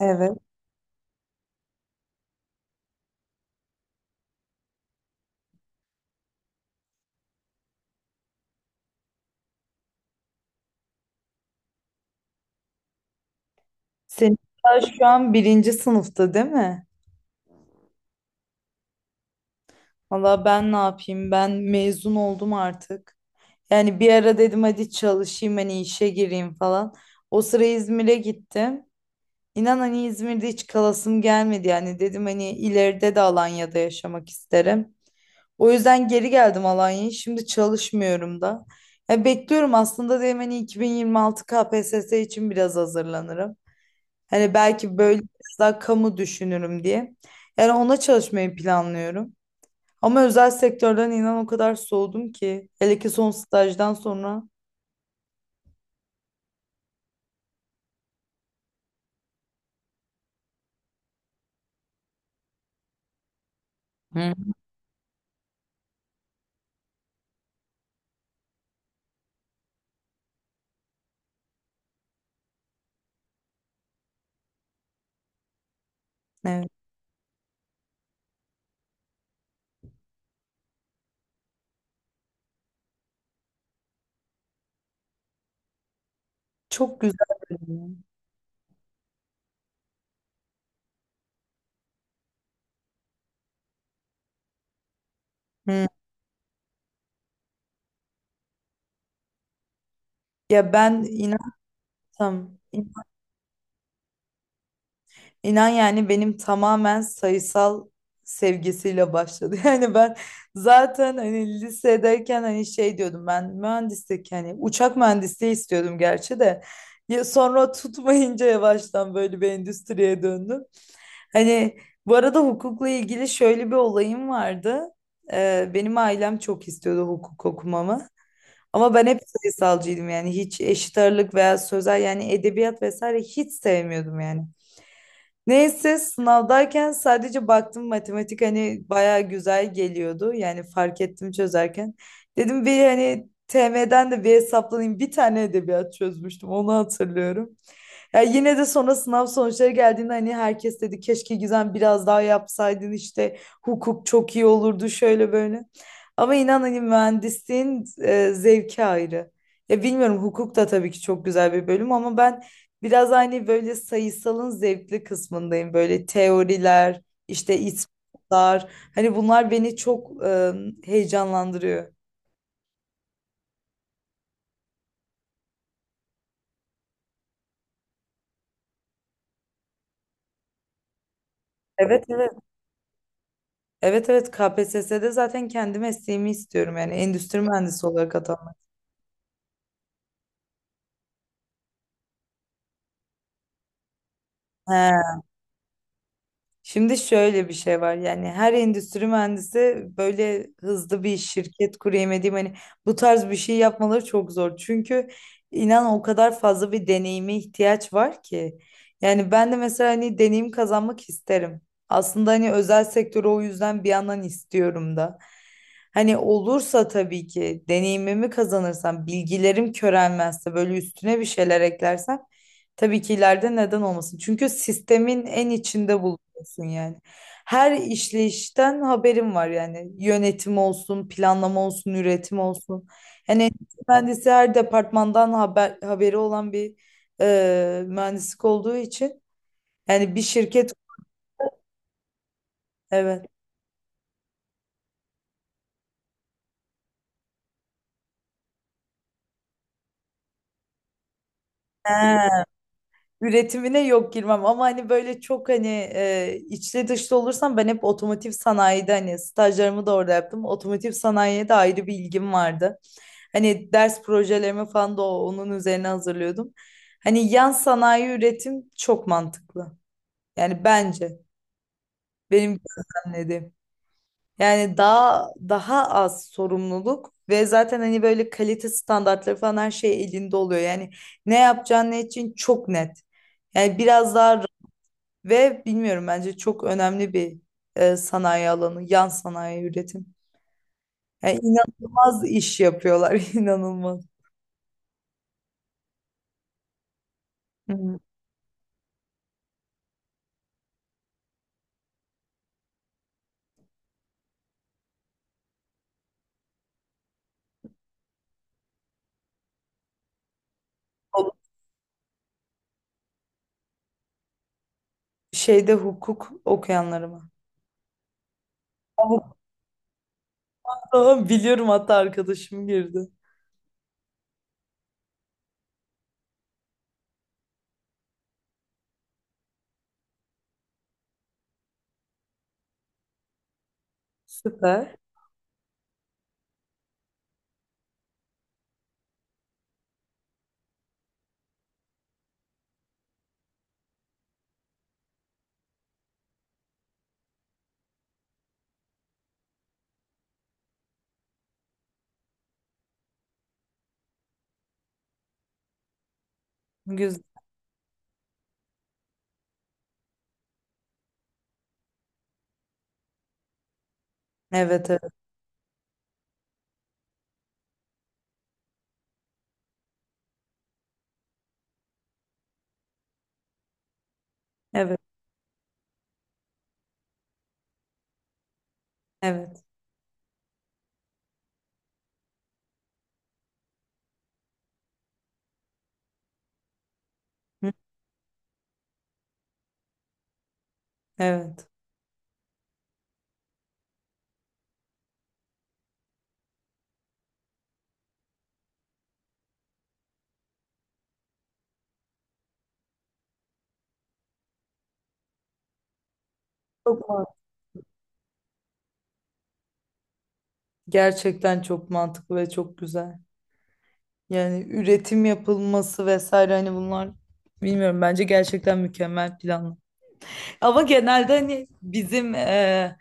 Evet. Senin daha şu an birinci sınıfta değil mi? Valla ben ne yapayım? Ben mezun oldum artık. Yani bir ara dedim hadi çalışayım hani işe gireyim falan. O sıra İzmir'e gittim. İnan hani İzmir'de hiç kalasım gelmedi yani. Dedim hani ileride de Alanya'da yaşamak isterim. O yüzden geri geldim Alanya'ya. Şimdi çalışmıyorum da. Ya bekliyorum aslında dedim hani 2026 KPSS için biraz hazırlanırım. Hani belki böyle biraz daha kamu düşünürüm diye. Yani ona çalışmayı planlıyorum. Ama özel sektörden inan o kadar soğudum ki. Hele ki son stajdan sonra. Hı. Evet. Çok güzel. Bölüm. Ya. Hı. Ya ben inansam İnan yani benim tamamen sayısal sevgisiyle başladı. Yani ben zaten hani lisedeyken hani şey diyordum ben mühendislik hani uçak mühendisliği istiyordum gerçi de ya sonra tutmayınca yavaştan böyle bir endüstriye döndüm. Hani bu arada hukukla ilgili şöyle bir olayım vardı. Benim ailem çok istiyordu hukuk okumamı. Ama ben hep sayısalcıydım yani hiç eşit ağırlık veya sözel yani edebiyat vesaire hiç sevmiyordum yani. Neyse sınavdayken sadece baktım matematik hani baya güzel geliyordu. Yani fark ettim çözerken. Dedim bir hani TM'den de bir hesaplanayım. Bir tane edebiyat çözmüştüm onu hatırlıyorum. Ya yine de sonra sınav sonuçları geldiğinde hani herkes dedi keşke Gizem biraz daha yapsaydın işte hukuk çok iyi olurdu şöyle böyle. Ama inan hani mühendisliğin zevki ayrı. Ya bilmiyorum hukuk da tabii ki çok güzel bir bölüm ama ben biraz hani böyle sayısalın zevkli kısmındayım. Böyle teoriler, işte ispatlar hani bunlar beni çok heyecanlandırıyor. Evet evet. Evet, evet, KPSS'de zaten kendi mesleğimi istiyorum yani endüstri mühendisi olarak atandım. He. Şimdi şöyle bir şey var yani her endüstri mühendisi böyle hızlı bir şirket kurayım edeyim, hani bu tarz bir şey yapmaları çok zor. Çünkü inan o kadar fazla bir deneyime ihtiyaç var ki. Yani ben de mesela hani deneyim kazanmak isterim. Aslında hani özel sektörü o yüzden bir yandan istiyorum da. Hani olursa tabii ki deneyimimi kazanırsam, bilgilerim körelmezse, böyle üstüne bir şeyler eklersem tabii ki ileride neden olmasın. Çünkü sistemin en içinde olsun yani. Her işleyişten haberim var yani. Yönetim olsun, planlama olsun, üretim olsun. Yani endüstri mühendisi her departmandan haberi olan bir mühendislik olduğu için yani bir şirket. Evet. He. Üretimine yok girmem ama hani böyle çok hani içli dışlı olursam ben hep otomotiv sanayide hani stajlarımı da orada yaptım. Otomotiv sanayiye de ayrı bir ilgim vardı. Hani ders projelerimi falan da onun üzerine hazırlıyordum. Hani yan sanayi üretim çok mantıklı. Yani bence benim gözlemlediğim. Yani daha daha az sorumluluk ve zaten hani böyle kalite standartları falan her şey elinde oluyor. Yani ne yapacağın ne için çok net. Yani biraz daha ve bilmiyorum bence çok önemli bir sanayi alanı, yan sanayi üretim. Yani inanılmaz iş yapıyorlar, inanılmaz. Hı. Şeyde hukuk okuyanları mı? Avukata biliyorum hatta arkadaşım girdi. Süper. Güzel. Evet evet. Evet. Evet. Hı, evet. Çok mantıklı. Gerçekten çok mantıklı ve çok güzel. Yani üretim yapılması vesaire hani bunlar bilmiyorum bence gerçekten mükemmel planlar. Ama genelde hani bizim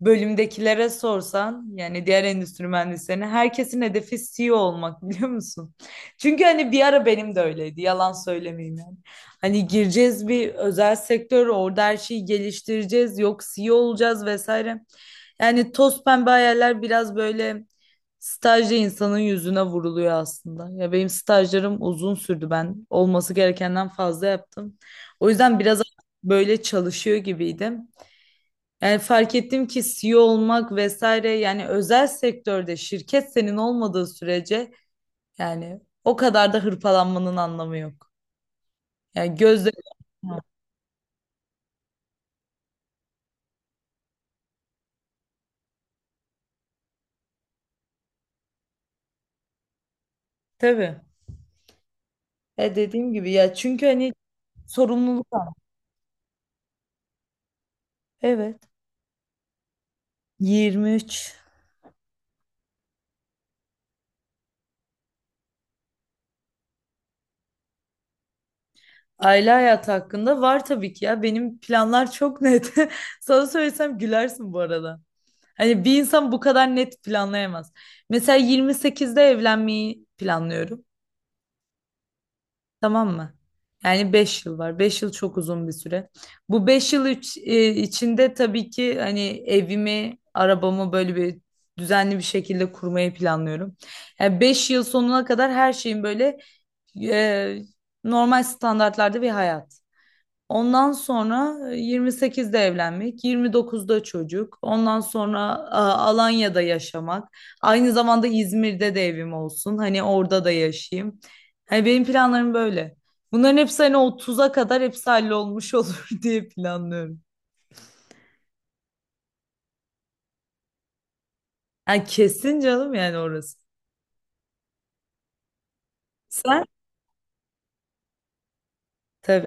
bölümdekilere sorsan yani diğer endüstri mühendislerine herkesin hedefi CEO olmak biliyor musun? Çünkü hani bir ara benim de öyleydi yalan söylemeyeyim yani. Hani gireceğiz bir özel sektör orada her şeyi geliştireceğiz yok CEO olacağız vesaire. Yani toz pembe hayaller biraz böyle stajda insanın yüzüne vuruluyor aslında. Ya benim stajlarım uzun sürdü ben olması gerekenden fazla yaptım. O yüzden biraz böyle çalışıyor gibiydim. Yani fark ettim ki CEO olmak vesaire yani özel sektörde şirket senin olmadığı sürece yani o kadar da hırpalanmanın anlamı yok. Yani gözle tabii. E dediğim gibi ya çünkü hani sorumluluk var. Evet. 23. Aile hayatı hakkında var tabii ki ya benim planlar çok net. Sana söylesem gülersin bu arada. Hani bir insan bu kadar net planlayamaz. Mesela 28'de evlenmeyi planlıyorum. Tamam mı? Yani 5 yıl var. 5 yıl çok uzun bir süre. Bu 5 yıl içinde tabii ki hani evimi, arabamı böyle bir düzenli bir şekilde kurmayı planlıyorum. Yani 5 yıl sonuna kadar her şeyin böyle e, normal standartlarda bir hayat. Ondan sonra 28'de evlenmek, 29'da çocuk. Ondan sonra Alanya'da yaşamak. Aynı zamanda İzmir'de de evim olsun. Hani orada da yaşayayım. Hani benim planlarım böyle. Bunların hepsi hani 30'a kadar hepsi hallolmuş olur diye planlıyorum. Yani kesin canım yani orası. Sen? Tabii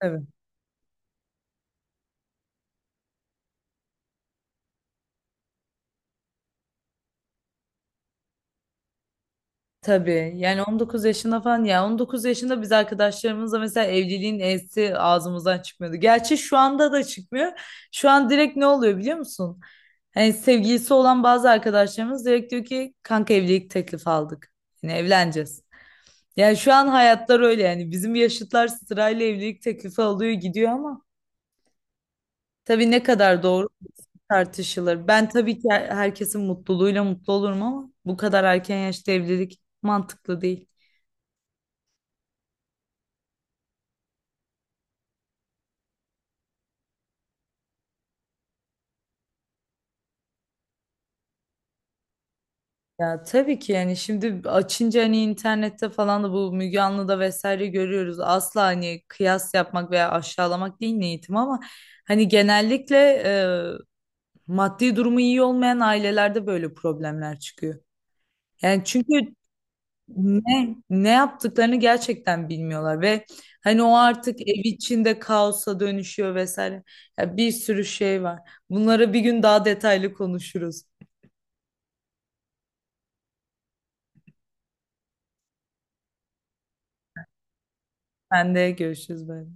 tabii. Tabii yani 19 yaşında falan ya 19 yaşında biz arkadaşlarımızla mesela evliliğin E'si ağzımızdan çıkmıyordu. Gerçi şu anda da çıkmıyor. Şu an direkt ne oluyor biliyor musun? Hani sevgilisi olan bazı arkadaşlarımız direkt diyor ki kanka evlilik teklifi aldık. Yani evleneceğiz. Yani şu an hayatlar öyle yani bizim yaşıtlar sırayla evlilik teklifi alıyor gidiyor ama tabii ne kadar doğru tartışılır. Ben tabii ki herkesin mutluluğuyla mutlu olurum ama bu kadar erken yaşta evlilik mantıklı değil. Ya tabii ki yani şimdi açınca hani internette falan da bu Müge Anlı'da vesaire görüyoruz. Asla hani kıyas yapmak veya aşağılamak değil niyetim ama hani genellikle e, maddi durumu iyi olmayan ailelerde böyle problemler çıkıyor. Yani çünkü ne yaptıklarını gerçekten bilmiyorlar ve hani o artık ev içinde kaosa dönüşüyor vesaire. Ya bir sürü şey var. Bunlara bir gün daha detaylı konuşuruz. Ben de görüşürüz böyle.